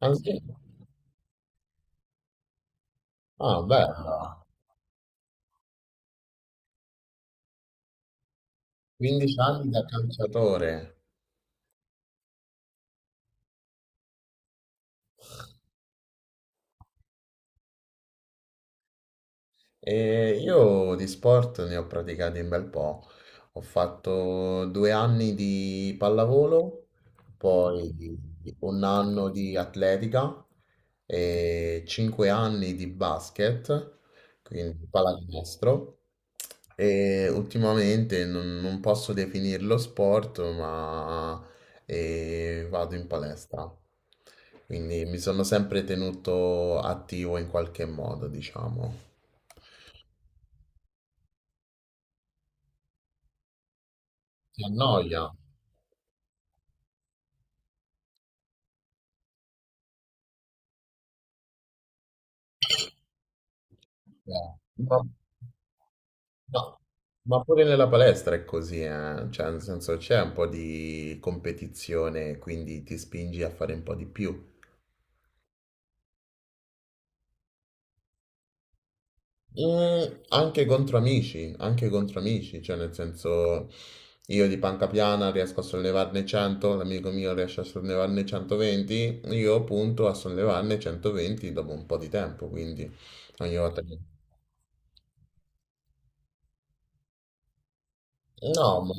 Anche. Ah, beh, 15 anni da calciatore. E io di sport ne ho praticati un bel po'. Ho fatto 2 anni di pallavolo, poi un anno di atletica e 5 anni di basket, quindi pallacanestro. E ultimamente non posso definirlo sport, ma vado in palestra. Quindi mi sono sempre tenuto attivo in qualche modo, diciamo. Ti annoia. Eh, ma- No, ma pure nella palestra è così, eh. Cioè, nel senso c'è un po' di competizione, quindi ti spingi a fare un po' di più. Mm, Anche contro amici, anche contro amici, cioè nel senso io di panca piana riesco a sollevarne 100, l'amico mio riesce a sollevarne 120, io punto a sollevarne 120 dopo un po' di tempo, quindi ogni volta che. No, ma.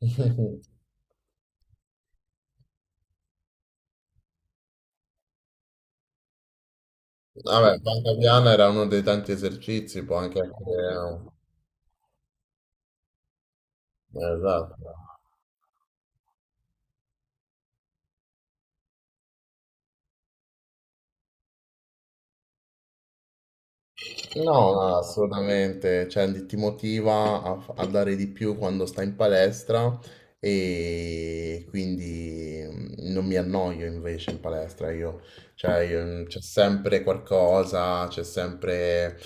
Vabbè, panca piana era uno dei tanti esercizi, può anche essere. Esatto. No, no, assolutamente, cioè, ti motiva a, a dare di più quando stai in palestra e quindi non mi annoio invece in palestra, io, cioè, c'è sempre qualcosa, c'è sempre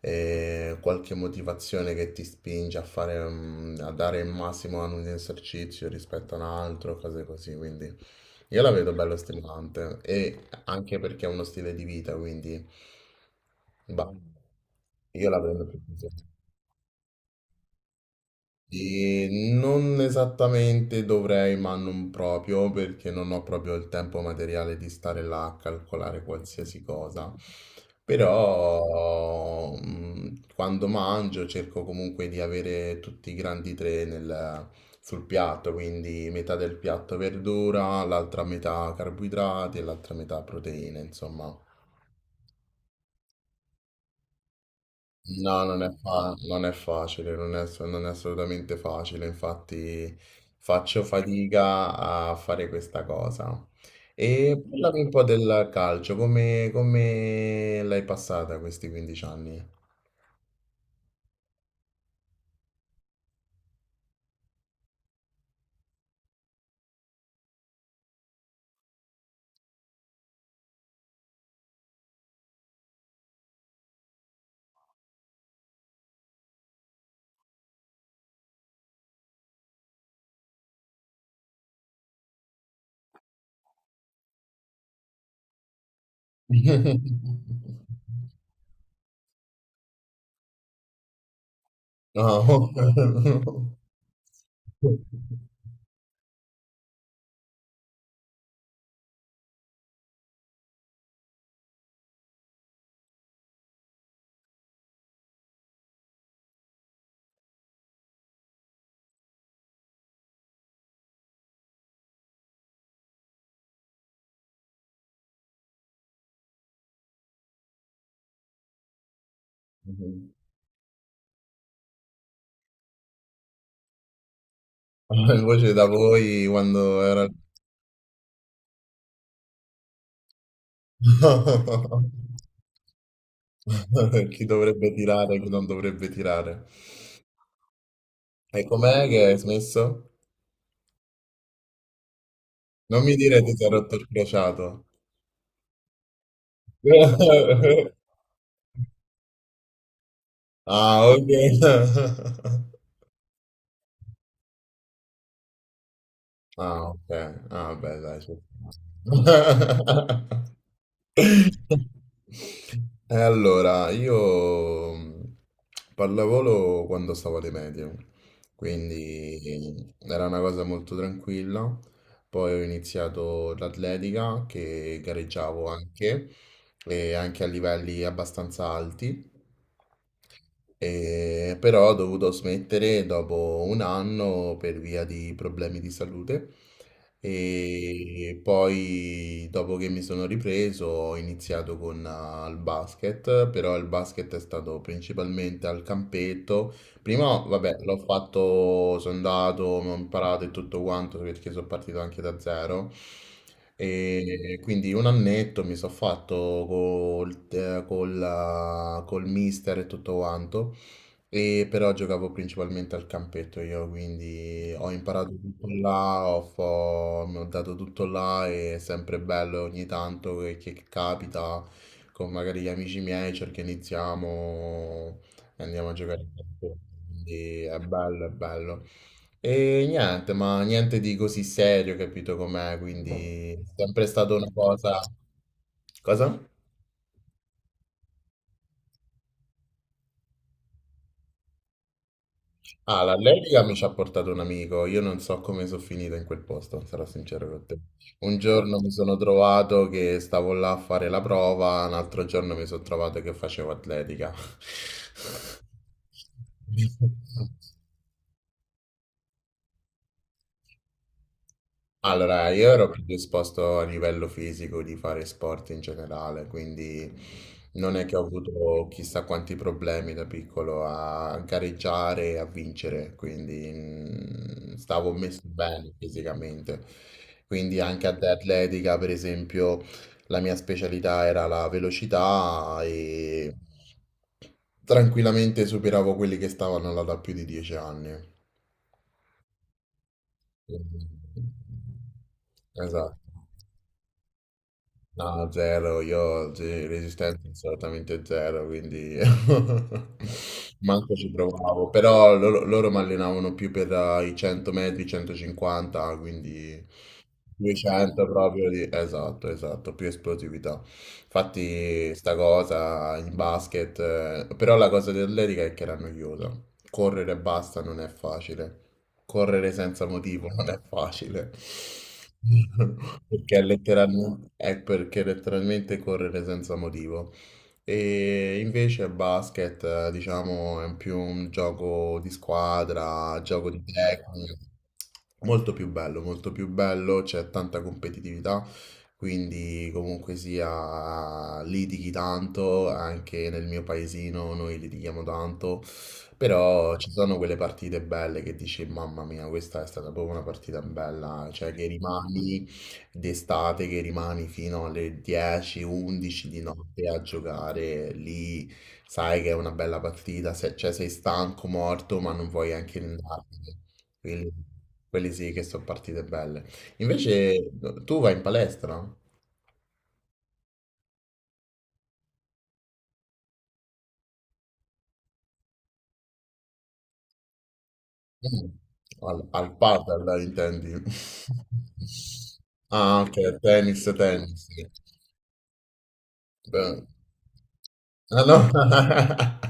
qualche motivazione che ti spinge a fare, a dare il massimo ad un esercizio rispetto a un altro, cose così, quindi. Io la vedo bella stimolante e anche perché è uno stile di vita, quindi bah, io la prendo per così. E non esattamente dovrei, ma non proprio, perché non ho proprio il tempo materiale di stare là a calcolare qualsiasi cosa. Però quando mangio cerco comunque di avere tutti i grandi tre sul piatto, quindi metà del piatto verdura, l'altra metà carboidrati e l'altra metà proteine, insomma. No, non è facile, non è assolutamente facile, infatti faccio fatica a fare questa cosa. E parlami un po' del calcio, come l'hai passata questi 15 anni? No. Invece da voi quando era. Chi dovrebbe tirare, chi non dovrebbe tirare. E com'è che hai smesso? Non mi dire che ti sei rotto il crociato. Ah, ok. Ah, ok. Ah, beh, dai, ci sta. Eh, Allora, io pallavolo quando stavo alle medie, quindi era una cosa molto tranquilla. Poi ho iniziato l'atletica che gareggiavo anche, e anche a livelli abbastanza alti. Però ho dovuto smettere dopo un anno per via di problemi di salute. E poi, dopo che mi sono ripreso, ho iniziato con il basket, però il basket è stato principalmente al campetto. Prima, vabbè, l'ho fatto, sono andato, ho imparato e tutto quanto perché sono partito anche da zero. E quindi un annetto mi sono fatto col mister e tutto quanto. E però giocavo principalmente al campetto io, quindi ho imparato tutto là, mi ho dato tutto là e è sempre bello ogni tanto che capita con magari gli amici miei, cerchiamo iniziamo. Andiamo a giocare a calcio. Quindi è bello, è bello. E niente, ma niente di così serio, capito com'è? Quindi è sempre stata una cosa. Cosa? Ah, l'allergica mi ci ha portato un amico. Io non so come sono finito in quel posto, sarò sincero con te. Un giorno mi sono trovato che stavo là a fare la prova, un altro giorno mi sono trovato che facevo atletica. Allora, io ero predisposto a livello fisico di fare sport in generale, quindi non è che ho avuto chissà quanti problemi da piccolo a gareggiare e a vincere, quindi stavo messo bene fisicamente. Quindi anche ad atletica, per esempio, la mia specialità era la velocità e tranquillamente superavo quelli che stavano là da più di 10 anni. Quindi- Esatto. No, zero, io sì, resistenza assolutamente zero, quindi manco ci provavo, però loro mi allenavano più per i 100 metri, 150, quindi. 200 proprio di. Esatto, esatto, più esplosività. Infatti sta cosa in basket, però la cosa dell'atletica è che era noiosa. Correre e basta non è facile. Correre senza motivo non è facile. Perché letteralmente, è perché letteralmente correre senza motivo. E invece il basket, diciamo, è più un gioco di squadra, gioco di tecnica, molto più bello, c'è tanta competitività, quindi comunque sia litighi tanto, anche nel mio paesino noi litighiamo tanto, però ci sono quelle partite belle che dici, mamma mia, questa è stata proprio una partita bella, cioè che rimani d'estate che rimani fino alle 10, 11 di notte a giocare lì, sai che è una bella partita, cioè sei stanco, morto, ma non vuoi anche andartene. Quindi, quelle sì che sono partite belle. Invece tu vai in palestra? Mm. Al padel, intendi? Ah, ok, tennis, tennis, sì. Beh, allora,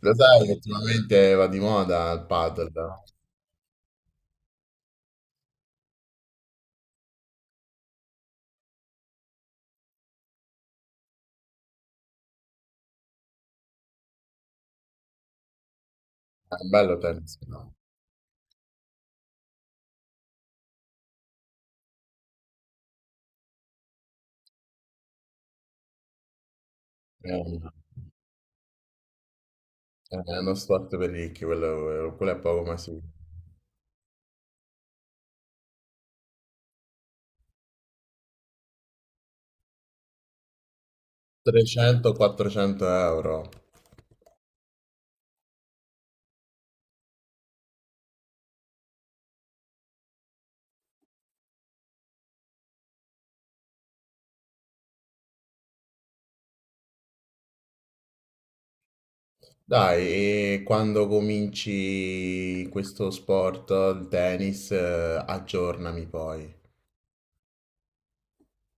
lo sai che ultimamente va di moda il padel, è un bello tennis, no? È, un- è uno sport per ricchi, quello è poco ma sì. 300-400 euro. Dai, e quando cominci questo sport, il tennis, aggiornami poi.